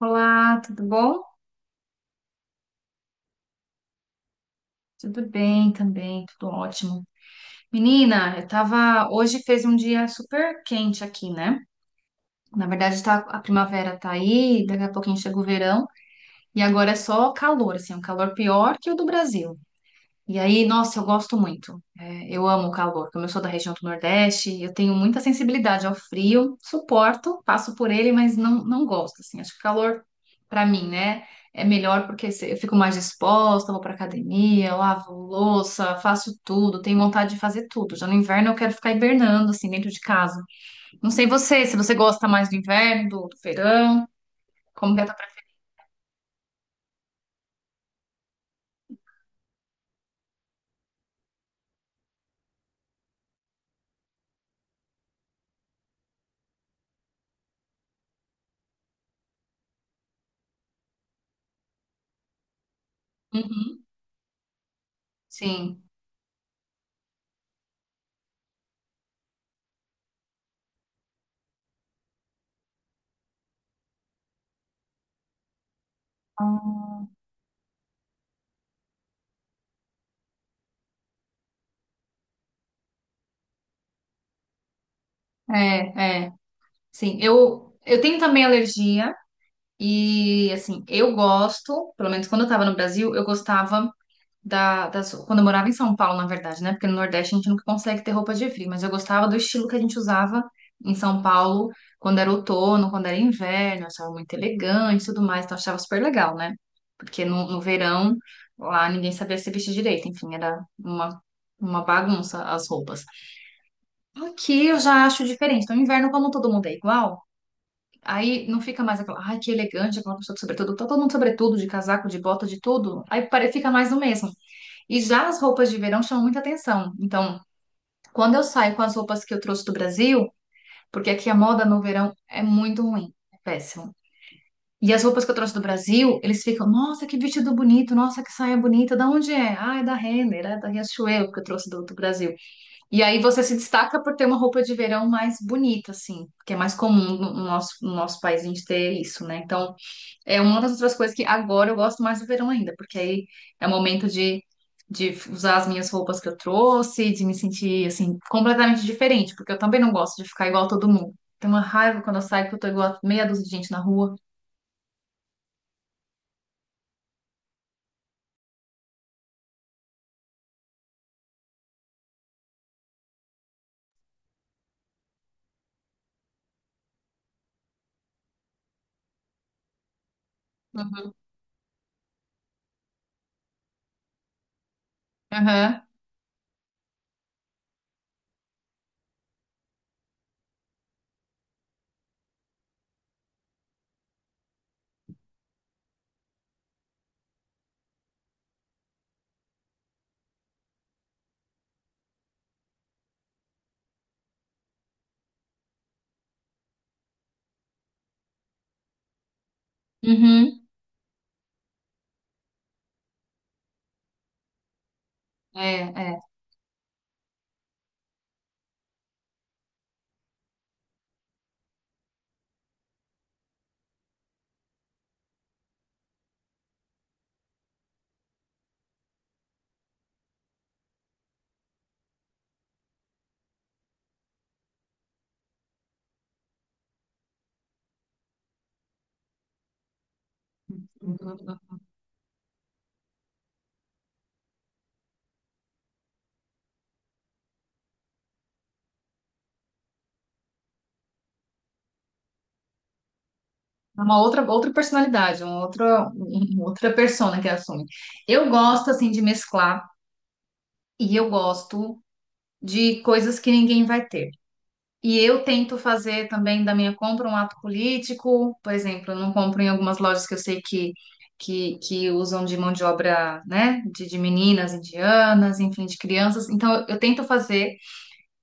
Olá, tudo bom? Tudo bem também, tudo ótimo. Menina, eu tava. Hoje fez um dia super quente aqui, né? Na verdade, tá, a primavera tá aí, daqui a pouquinho chega o verão, e agora é só calor, assim, um calor pior que o do Brasil. E aí, nossa, eu gosto muito. É, eu amo o calor. Como eu sou da região do Nordeste, eu tenho muita sensibilidade ao frio, suporto, passo por ele, mas não gosto, assim. Acho que o calor, pra mim, né, é melhor porque eu fico mais disposta, vou pra academia, lavo louça, faço tudo, tenho vontade de fazer tudo. Já no inverno eu quero ficar hibernando, assim, dentro de casa. Não sei você, se você gosta mais do inverno, do verão, como que é a tua preferência? Sim. Hum. É. Sim, eu tenho também alergia e, assim, eu gosto, pelo menos quando eu estava no Brasil, eu gostava quando eu morava em São Paulo, na verdade, né? Porque no Nordeste a gente nunca consegue ter roupa de frio, mas eu gostava do estilo que a gente usava em São Paulo quando era outono, quando era inverno, eu achava muito elegante e tudo mais, então eu achava super legal, né? Porque no verão, lá ninguém sabia se vestir direito, enfim, uma bagunça as roupas. Aqui eu já acho diferente. No inverno, como todo mundo é igual, aí não fica mais aquela, ai, que elegante, aquela pessoa de sobretudo. Tá todo mundo sobretudo, de casaco, de bota, de tudo. Aí fica mais o mesmo. E já as roupas de verão chamam muita atenção. Então, quando eu saio com as roupas que eu trouxe do Brasil, porque aqui a moda no verão é muito ruim, é péssimo. E as roupas que eu trouxe do Brasil, eles ficam, nossa, que vestido bonito, nossa, que saia bonita. Da onde é? Ah, é da Renner, é da Riachuelo que eu trouxe do Brasil. E aí você se destaca por ter uma roupa de verão mais bonita, assim, que é mais comum no nosso, no nosso país a gente ter isso, né? Então, é uma das outras coisas que agora eu gosto mais do verão ainda, porque aí é o momento de usar as minhas roupas que eu trouxe, de me sentir, assim, completamente diferente, porque eu também não gosto de ficar igual a todo mundo. Tem uma raiva quando eu saio que eu tô igual a meia dúzia de gente na rua. Uhum. Aham. Uhum. É, é. É uma outra, outra personalidade, uma outra persona que assume. Eu gosto, assim, de mesclar e eu gosto de coisas que ninguém vai ter. E eu tento fazer também da minha compra um ato político, por exemplo, eu não compro em algumas lojas que eu sei que usam de mão de obra, né, de meninas indianas, enfim, de crianças. Então, eu tento fazer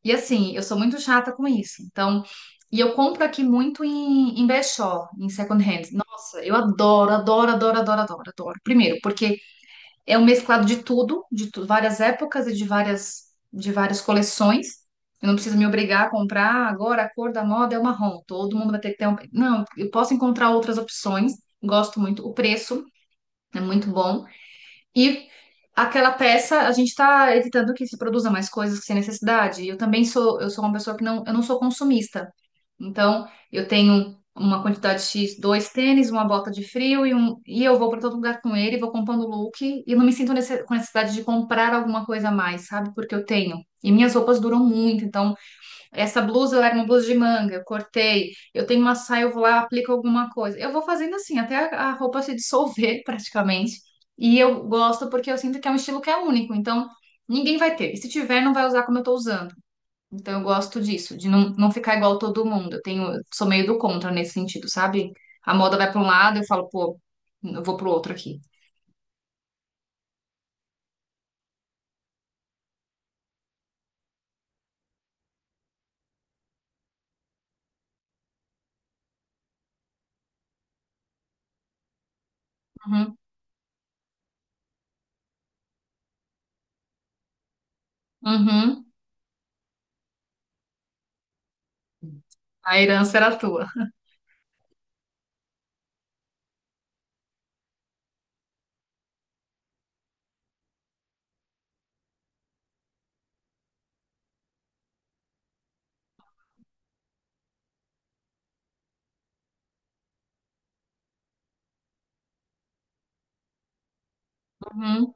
e assim, eu sou muito chata com isso. Então, e eu compro aqui muito em brechó, em second hand. Nossa, eu adoro. Primeiro, porque é um mesclado de tudo, várias épocas e de de várias coleções. Eu não preciso me obrigar a comprar "Ah, agora a cor da moda é o marrom. Todo mundo vai ter que ter um. Não, eu posso encontrar outras opções. Gosto muito. O preço é muito bom. E aquela peça, a gente está evitando que se produza mais coisas sem necessidade. Eu também sou, eu sou uma pessoa que não, eu não sou consumista. Então, eu tenho uma quantidade X, dois tênis, uma bota de frio e um, e eu vou para todo lugar com ele, vou comprando look e não me sinto com necessidade de comprar alguma coisa a mais, sabe? Porque eu tenho. E minhas roupas duram muito, então essa blusa, ela era uma blusa de manga, eu cortei. Eu tenho uma saia, eu vou lá, aplico alguma coisa. Eu vou fazendo assim, até a roupa se dissolver praticamente. E eu gosto porque eu sinto que é um estilo que é único. Então, ninguém vai ter. E se tiver, não vai usar como eu tô usando. Então, eu gosto disso, de não ficar igual todo mundo. Eu tenho, eu sou meio do contra nesse sentido, sabe? A moda vai para um lado, eu falo, pô, eu vou pro outro aqui. Uhum. Uhum. A herança era tua. Uhum.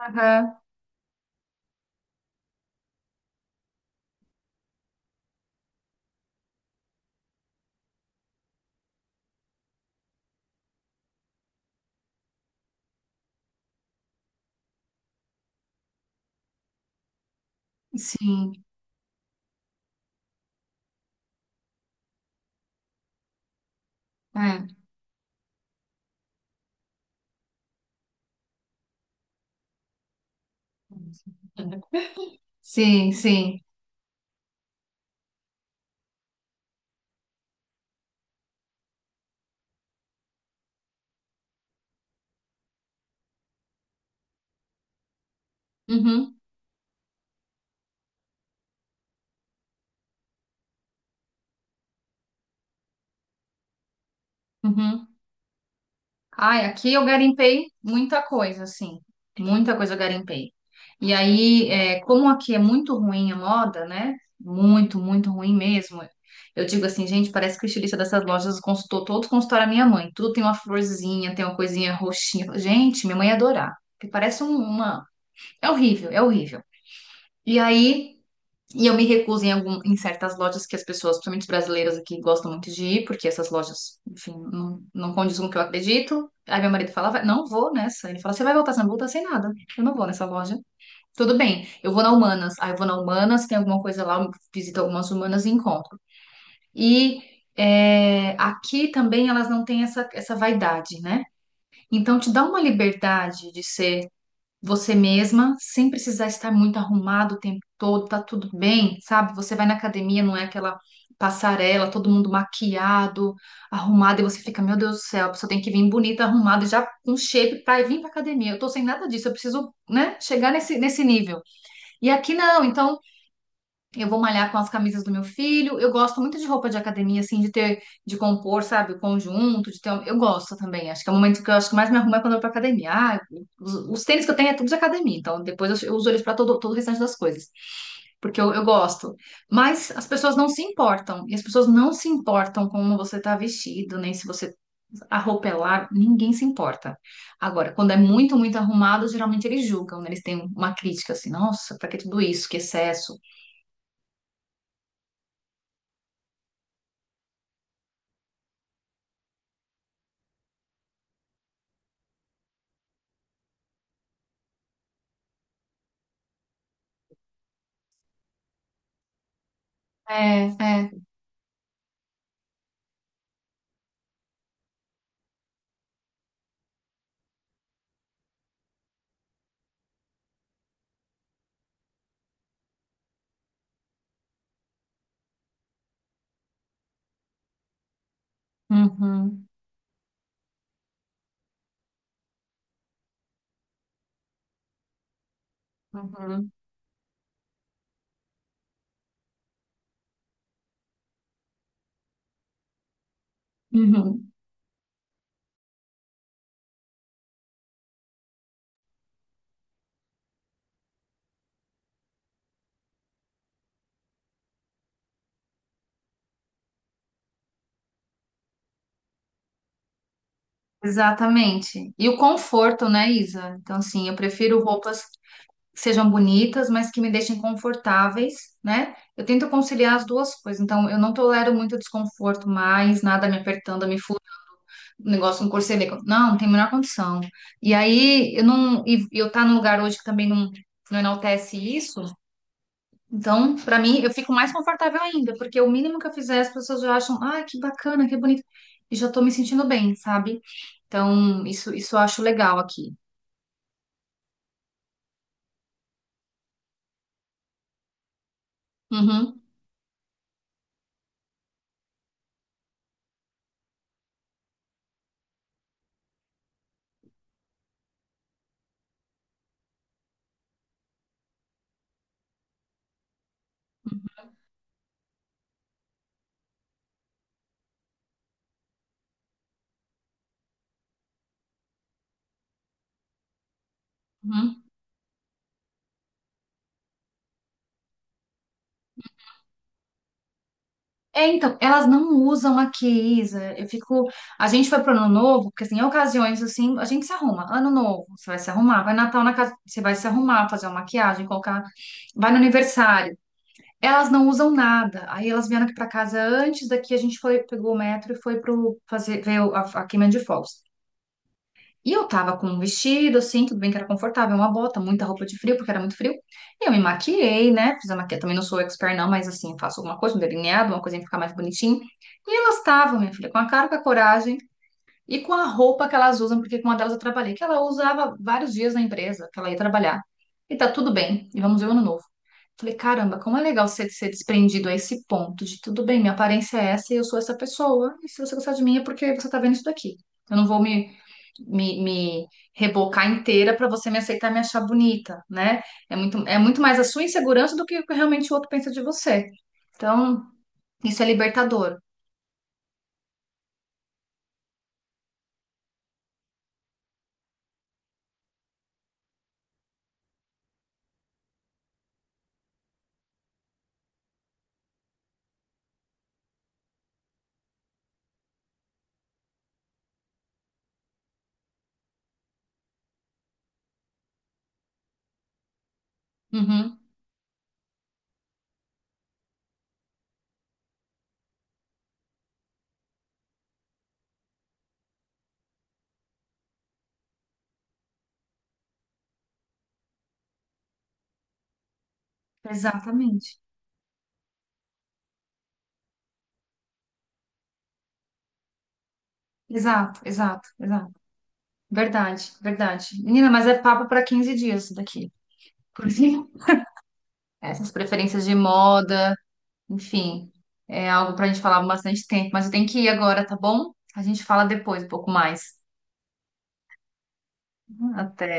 Aham. Sim. É. Sim, sim. Uhum. Uhum. Ai, aqui eu garimpei muita coisa, assim. Muita coisa eu garimpei. E aí, é, como aqui é muito ruim a moda, né? Muito ruim mesmo. Eu digo assim, gente, parece que o estilista dessas lojas consultou, todos consultaram a minha mãe. Tudo tem uma florzinha, tem uma coisinha roxinha. Gente, minha mãe ia adorar. Porque uma. É horrível. E aí. E eu me recuso em, algum, em certas lojas que as pessoas, principalmente os brasileiros aqui, gostam muito de ir, porque essas lojas, enfim, não condiz com o que eu acredito. Aí meu marido falava não vou nessa. Ele fala, você vai voltar sem nada. Eu não vou nessa loja. Tudo bem, eu vou na Humanas. Aí eu vou na Humanas, tem alguma coisa lá, eu visito algumas Humanas e encontro. E é, aqui também elas não têm essa vaidade, né? Então te dá uma liberdade de ser você mesma, sem precisar estar muito arrumado o tempo todo, tá tudo bem, sabe? Você vai na academia, não é aquela passarela, todo mundo maquiado, arrumado, e você fica, meu Deus do céu, a pessoa tem que vir bonita, arrumada, já com shape para vir pra academia. Eu tô sem nada disso, eu preciso, né, chegar nesse nível. E aqui não, então eu vou malhar com as camisas do meu filho. Eu gosto muito de roupa de academia, assim, de ter, de compor, sabe, o conjunto, de ter. Eu gosto também. Acho que é o momento que eu acho que mais me arrumo é quando eu vou pra academia. Ah, os tênis que eu tenho é tudo de academia, então depois eu uso eles pra todo, todo o restante das coisas. Porque eu gosto. Mas as pessoas não se importam. E as pessoas não se importam como você tá vestido, nem se você. A roupa é larga, ninguém se importa. Agora, quando é muito arrumado, geralmente eles julgam, né? Eles têm uma crítica assim, nossa, pra que tudo isso? Que excesso. É, é. Uhum. Uhum. Uhum. Exatamente. E o conforto, né, Isa? Então, assim, eu prefiro roupas que sejam bonitas, mas que me deixem confortáveis, né? Eu tento conciliar as duas coisas. Então, eu não tolero muito desconforto mais, nada me apertando, me fu... o negócio no corcelê. Não tem a menor condição. E aí, eu não... e eu tá num lugar hoje que também não enaltece isso. Então, para mim, eu fico mais confortável ainda, porque o mínimo que eu fizer, as pessoas já acham, ah, que bacana, que bonito, e já tô me sentindo bem, sabe? Então, isso eu acho legal aqui. Uhum. Uhum. É, então, elas não usam aqui, Isa. Eu fico. A gente foi pro Ano Novo, porque assim, em ocasiões assim, a gente se arruma. Ano Novo, você vai se arrumar. Vai Natal na casa, você vai se arrumar, fazer uma maquiagem, colocar. Vai no aniversário. Elas não usam nada. Aí elas vieram aqui para casa antes, daqui a gente foi, pegou o metro e foi pro fazer ver a queima de fogos. E eu tava com um vestido, assim, tudo bem que era confortável, uma bota, muita roupa de frio, porque era muito frio. E eu me maquiei, né? Fiz a maquiagem, também não sou expert não, mas assim, faço alguma coisa, um delineado, uma coisinha pra ficar mais bonitinho. E elas estavam, minha filha, com a cara, com a coragem. E com a roupa que elas usam, porque com uma delas eu trabalhei, que ela usava vários dias na empresa, que ela ia trabalhar. E tá tudo bem, e vamos ver o ano novo. Falei, caramba, como é legal ser, ser desprendido a esse ponto de tudo bem, minha aparência é essa e eu sou essa pessoa. E se você gostar de mim é porque você tá vendo isso daqui. Eu não vou me rebocar inteira pra você me aceitar e me achar bonita, né? É muito mais a sua insegurança do que o que realmente o outro pensa de você. Então, isso é libertador. Uhum, exatamente. Exato, exato, exato. Verdade, verdade. Menina, mas é papo para 15 dias isso daqui. Porque essas preferências de moda, enfim, é algo para a gente falar bastante tempo. Mas eu tenho que ir agora, tá bom? A gente fala depois um pouco mais. Até.